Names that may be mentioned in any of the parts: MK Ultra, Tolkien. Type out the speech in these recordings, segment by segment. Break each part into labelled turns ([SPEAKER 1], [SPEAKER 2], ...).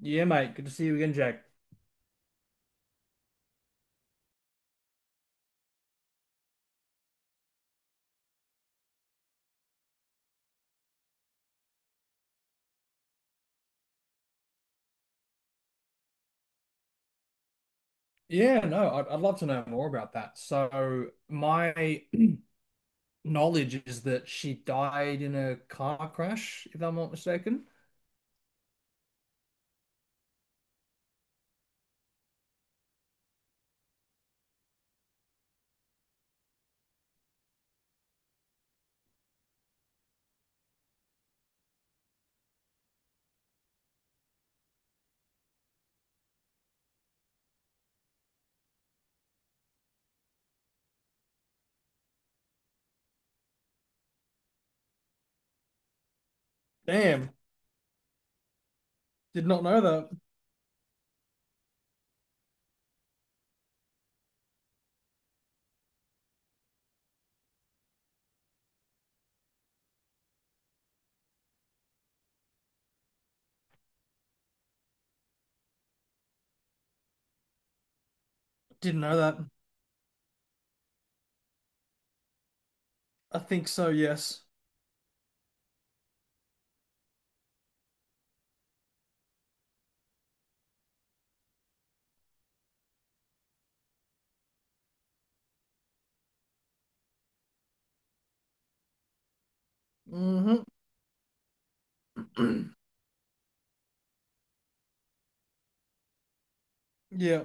[SPEAKER 1] Yeah, mate. Good to see you again, Jack. Yeah, no, I'd love to know more about that. So, my knowledge is that she died in a car crash, if I'm not mistaken. Damn, did not know that. Didn't know that. I think so, yes. Mm-hmm. Yeah,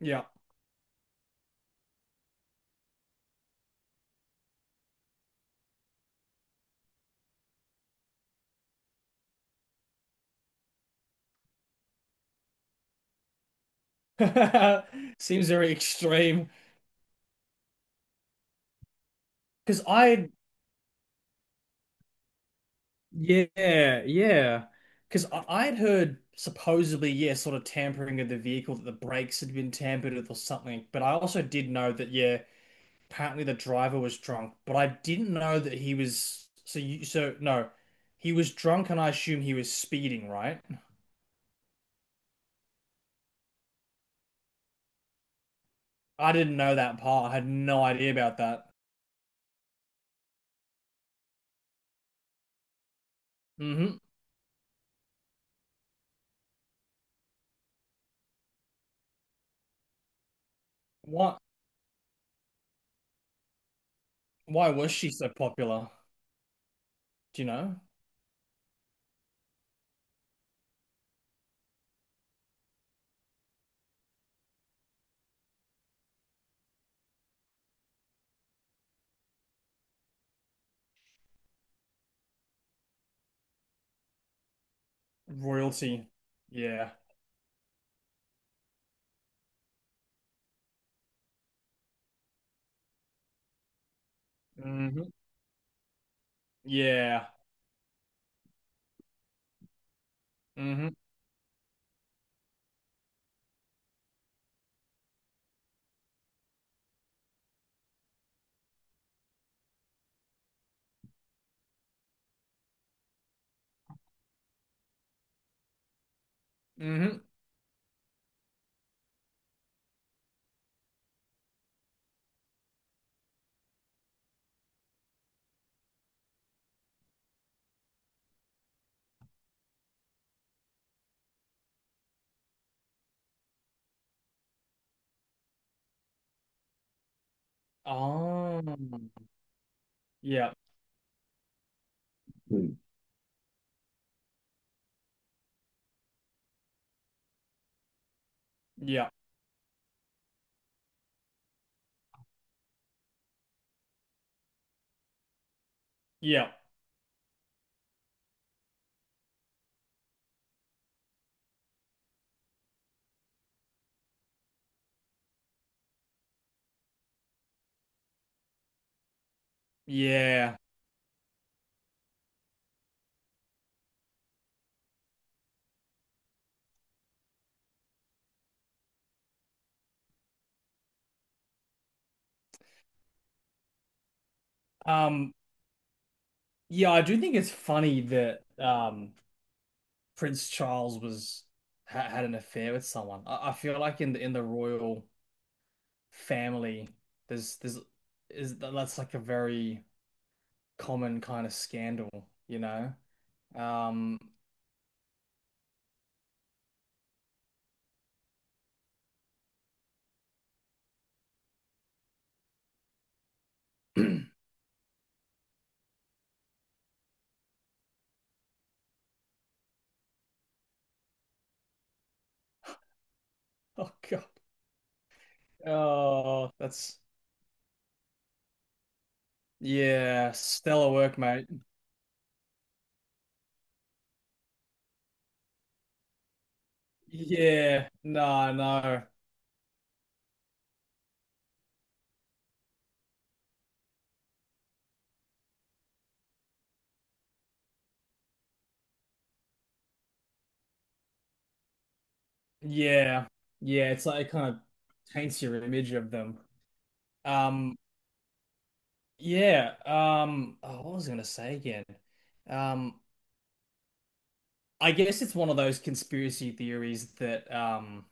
[SPEAKER 1] yeah. Seems very extreme. Because I Yeah, yeah. Because I'd heard supposedly, yeah, sort of tampering of the vehicle, that the brakes had been tampered with or something. But I also did know that, yeah, apparently the driver was drunk. But I didn't know that he was. So you, so no, he was drunk, and I assume he was speeding, right? I didn't know that part. I had no idea about that. Hmm. Why? Why was she so popular? Do you know? Royalty. Yeah. Hmm. Yeah. Hmm. Hmm. Oh, yeah. Mm. Yeah, yeah, yeah. Um, yeah, I do think it's funny that Prince Charles was ha had an affair with someone. I feel like in the royal family, there's is that's like a very common kind of scandal, you know? Um, oh God, oh, that's yeah, stellar work, mate. Yeah, no, no. Yeah. Yeah, it's like it kind of taints your image of them. Um, yeah. Oh, what was I gonna say again? Um, I guess it's one of those conspiracy theories that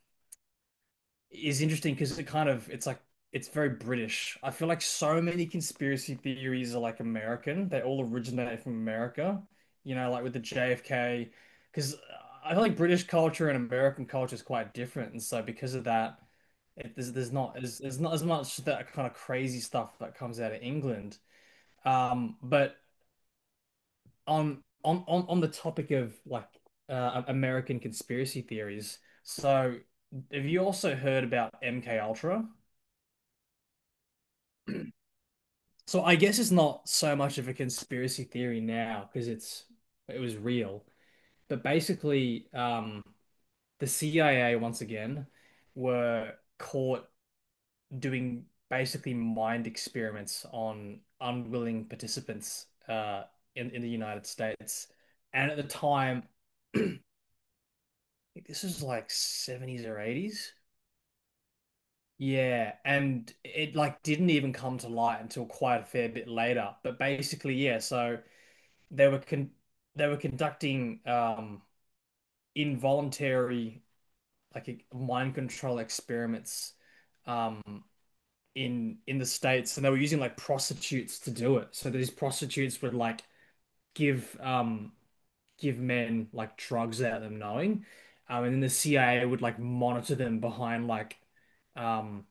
[SPEAKER 1] is interesting because it kind of it's like it's very British. I feel like so many conspiracy theories are like American. They all originate from America. You know, like with the JFK, because I feel like British culture and American culture is quite different, and so because of that, it, there's not as much that kind of crazy stuff that comes out of England. But on the topic of like American conspiracy theories, so have you also heard about MK Ultra? So I guess it's not so much of a conspiracy theory now because it was real. But basically, the CIA once again were caught doing basically mind experiments on unwilling participants in the United States. And at the time, I think this was like 70s or 80s. Yeah, and it like didn't even come to light until quite a fair bit later. But basically, yeah, so. they were con they were conducting involuntary like mind control experiments um in the States, and they were using like prostitutes to do it. So these prostitutes would like give um give men like drugs without them knowing. And then the CIA would like monitor them behind like um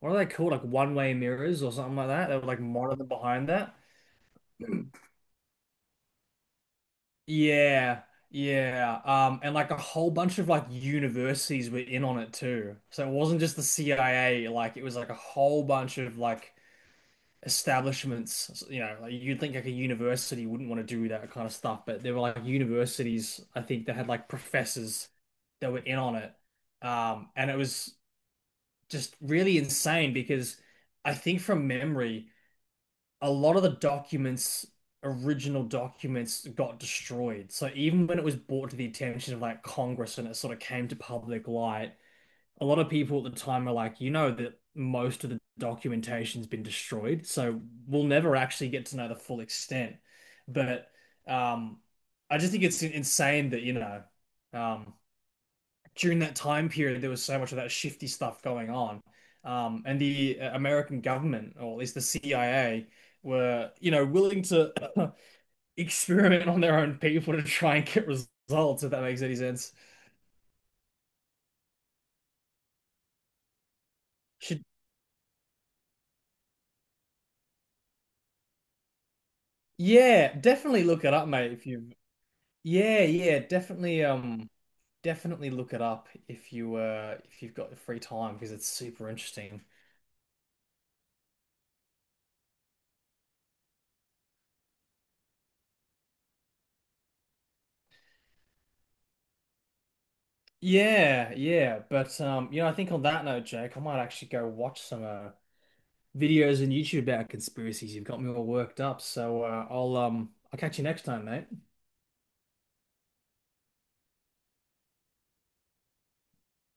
[SPEAKER 1] what are they called? Like one-way mirrors or something like that. They would like monitor them behind that. Yeah, yeah. And like a whole bunch of like universities were in on it too. So it wasn't just the CIA, like it was like a whole bunch of like establishments. You know, like you'd think like a university wouldn't want to do that kind of stuff, but there were like universities, I think, that had like professors that were in on it. And it was just really insane because I think from memory a lot of the original documents, got destroyed. So even when it was brought to the attention of like Congress and it sort of came to public light, a lot of people at the time were like, you know, that most of the documentation's been destroyed, so we'll never actually get to know the full extent. But um, I just think it's insane that, you know, um, during that time period, there was so much of that shifty stuff going on. And the American government, or at least the CIA, were, you know, willing to experiment on their own people to try and get results, if that makes any sense. Should, yeah, definitely look it up, mate, if you yeah, yeah, definitely look it up if you if you've got the free time because it's super interesting. Yeah, yeah, but you know, I think on that note, Jake, I might actually go watch some videos and YouTube about conspiracies. You've got me all worked up. So I'll catch you next time, mate.